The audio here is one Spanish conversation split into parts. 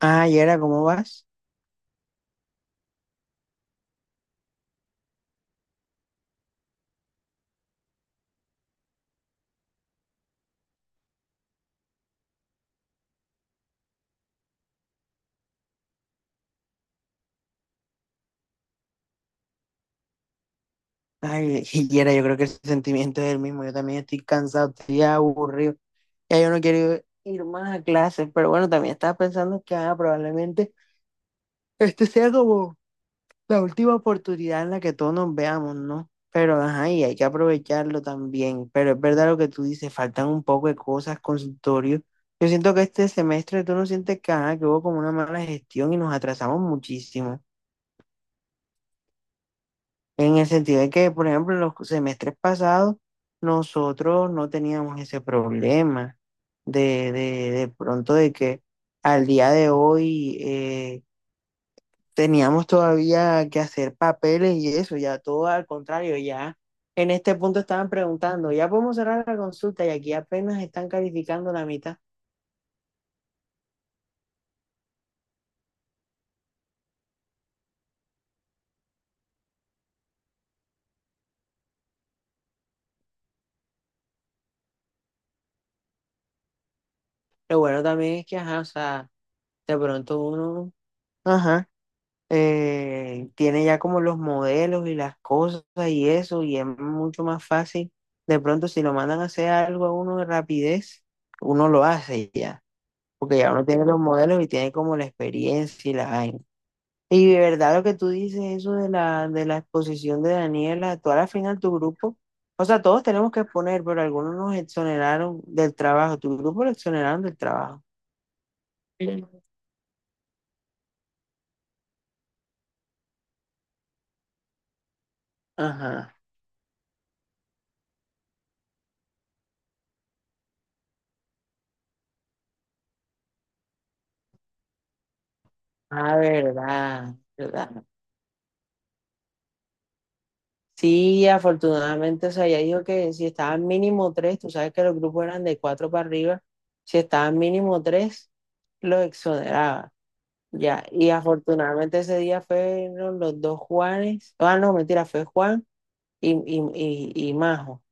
Ah, Yera, ¿cómo vas? Ay, Yera, yo creo que el sentimiento es el mismo. Yo también estoy cansado, estoy aburrido. Ya yo no quiero ir más a clases, pero bueno, también estaba pensando que probablemente este sea como la última oportunidad en la que todos nos veamos, ¿no? Pero ajá, y hay que aprovecharlo también. Pero es verdad lo que tú dices, faltan un poco de cosas, consultorios. Yo siento que este semestre tú no sientes que, ajá, que hubo como una mala gestión y nos atrasamos muchísimo. En el sentido de que, por ejemplo, en los semestres pasados, nosotros no teníamos ese problema de pronto de que al día de hoy teníamos todavía que hacer papeles y eso, ya todo al contrario, ya en este punto estaban preguntando, ya podemos cerrar la consulta y aquí apenas están calificando la mitad. Lo bueno también es que, ajá, o sea, de pronto uno, ajá. Tiene ya como los modelos y las cosas y eso, y es mucho más fácil. De pronto, si lo mandan a hacer algo a uno de rapidez, uno lo hace ya, porque ya uno tiene los modelos y tiene como la experiencia y la vaina. Y de verdad lo que tú dices, eso de la exposición de Daniela, tú a la final tu grupo, o sea, todos tenemos que exponer, pero algunos nos exoneraron del trabajo, tu grupo lo exoneraron del trabajo. Sí. Ajá, ah, verdad, verdad. Sí, afortunadamente, o sea, ella dijo que si estaban mínimo tres, tú sabes que los grupos eran de cuatro para arriba, si estaban mínimo tres, los exoneraba. Ya, y afortunadamente ese día fueron los dos Juanes, ah, no, mentira, fue Juan y, y, y Majo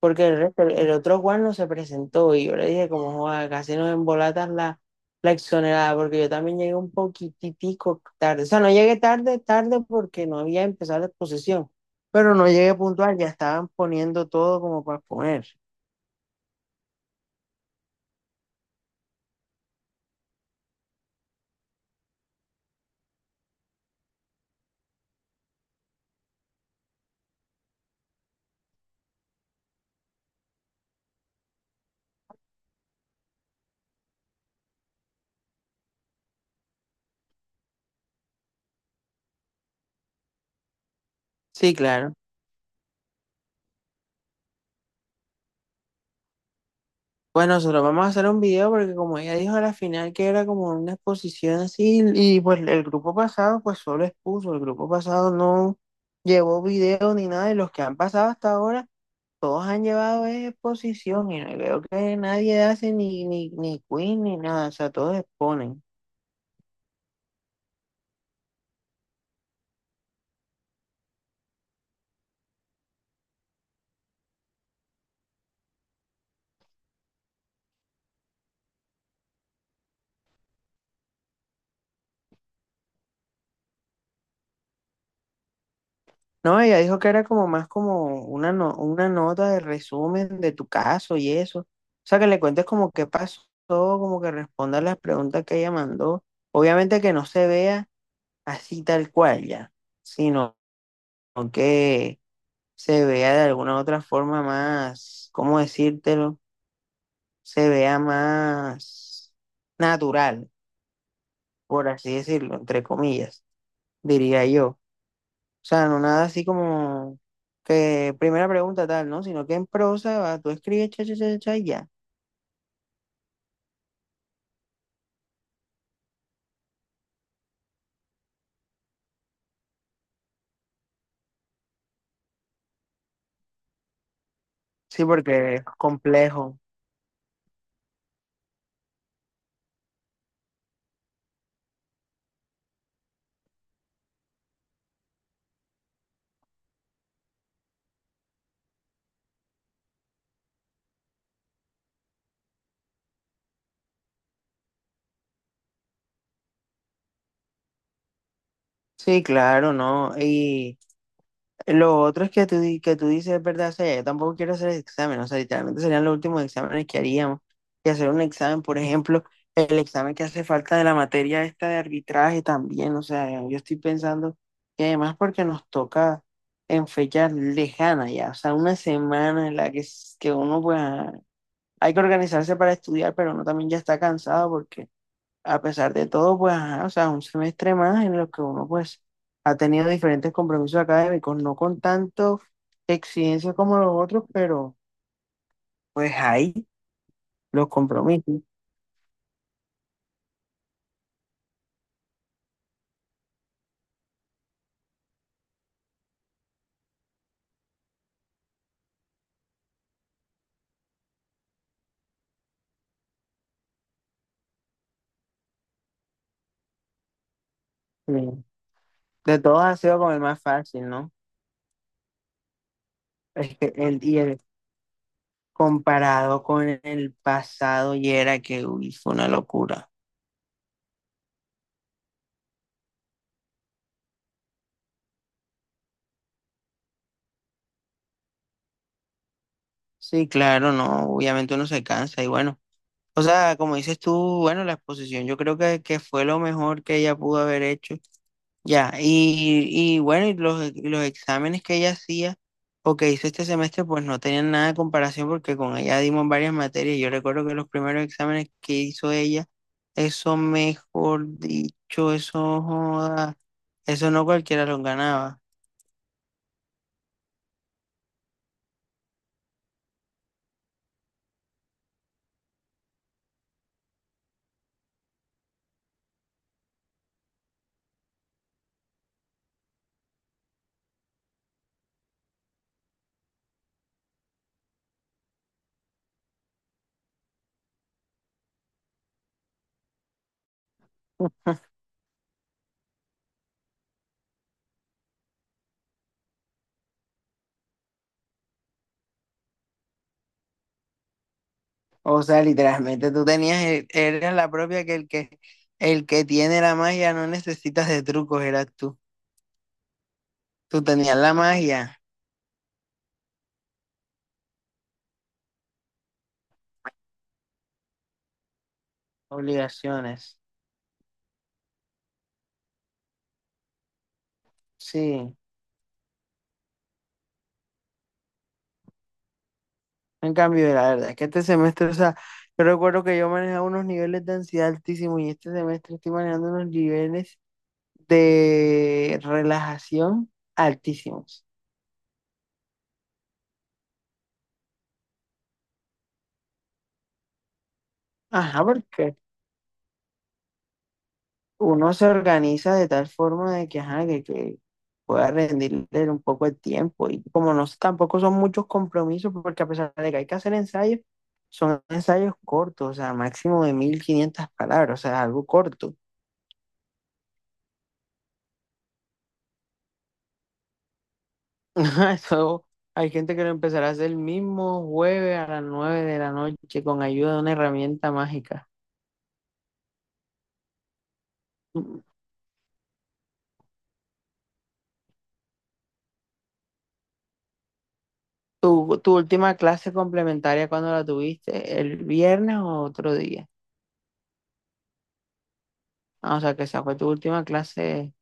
porque el, resto- el otro Juan no se presentó y yo le dije como, "Joda, casi nos embolatas la, la exonerada, porque yo también llegué un poquitico tarde, o sea, no llegué tarde, tarde porque no había empezado la exposición, pero no llegué puntual, ya estaban poniendo todo como para poner. Sí, claro. Pues nosotros vamos a hacer un video porque como ella dijo a la final que era como una exposición así y pues el grupo pasado pues solo expuso, el grupo pasado no llevó video ni nada y los que han pasado hasta ahora. Todos han llevado es exposición y no veo que nadie hace ni quiz ni nada, o sea, todos exponen. No, ella dijo que era como más como una, no- una nota de resumen de tu caso y eso. O sea, que le cuentes como qué pasó, como que respondas las preguntas que ella mandó. Obviamente que no se vea así tal cual ya, sino que se vea de alguna otra forma más, ¿cómo decírtelo? Se vea más natural. Por así decirlo, entre comillas, diría yo. O sea, no nada así como que primera pregunta tal, ¿no? Sino que en prosa va, tú escribes cha, cha, cha, cha, y ya. Sí, porque es complejo. Sí, claro, ¿no? Y lo otro es que tú, di- que tú dices, es verdad, o sea, yo tampoco quiero hacer examen, o sea, literalmente serían los últimos exámenes que haríamos. Y hacer un examen, por ejemplo, el examen que hace falta de la materia esta de arbitraje también, o sea, yo estoy pensando, y además porque nos toca en fechas lejanas ya, o sea, una semana en la que, s- que uno pues hay que organizarse para estudiar, pero uno también ya está cansado porque a pesar de todo, pues, ajá, o sea, un semestre más en lo que uno, pues, ha tenido diferentes compromisos académicos, no con tanto exigencia como los otros, pero, pues, hay los compromisos. eh, De todos ha sido como el más fácil, ¿no? Es que el, y el comparado con el pasado y era que, uy, fue una locura. Sí, claro, no, obviamente uno se cansa y bueno. O sea, como dices tú, bueno, la exposición yo creo que fue lo mejor que ella pudo haber hecho. Ya, y bueno, y los exámenes que ella hacía o que hizo este semestre, pues no tenían nada de comparación porque con ella dimos varias materias. Yo recuerdo que los primeros exámenes que hizo ella, eso mejor dicho, eso, joda, eso no cualquiera los ganaba. O sea, literalmente tú tenías, el- eras la propia que el que, el que tiene la magia no necesitas de trucos, eras tú. Tú tenías la magia, obligaciones. Sí. En cambio, la verdad es que este semestre, o sea, yo recuerdo que yo manejaba unos niveles de ansiedad altísimos y este semestre estoy manejando unos niveles de relajación altísimos. Ajá, porque uno se organiza de tal forma de que, ajá, que pueda rendirle un poco el tiempo y como no, s- tampoco son muchos compromisos, porque a pesar de que hay que hacer ensayos, son ensayos cortos, o sea, máximo de 1.500 palabras, o sea, algo corto. Ajá, eso, hay gente que lo empezará a hacer el mismo jueves a las 9 de la noche con ayuda de una herramienta mágica. ¿Tu, tu última clase complementaria cuando la tuviste? ¿El viernes o otro día? Ah, o sea, que esa fue tu última clase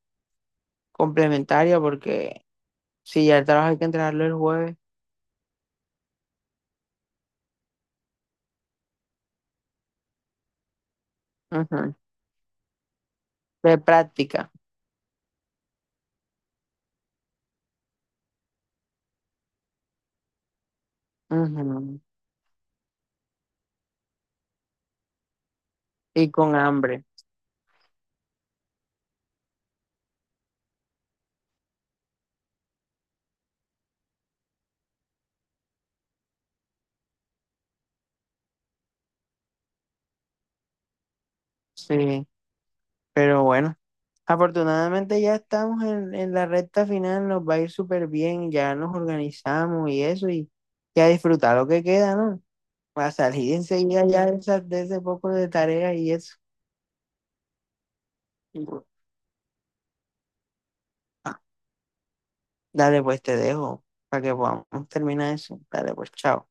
complementaria porque si ya el trabajo hay que entregarlo el jueves. Ujú. De práctica. Ujú. Y con hambre. Sí, pero bueno. Afortunadamente ya estamos en la recta final, nos va a ir súper bien, ya nos organizamos y eso, y, ya disfrutar lo que queda, ¿no? A salir enseguida ya de, esa- de ese poco de tarea y eso. Ah, dale, pues te dejo para que podamos terminar eso. Dale, pues chao.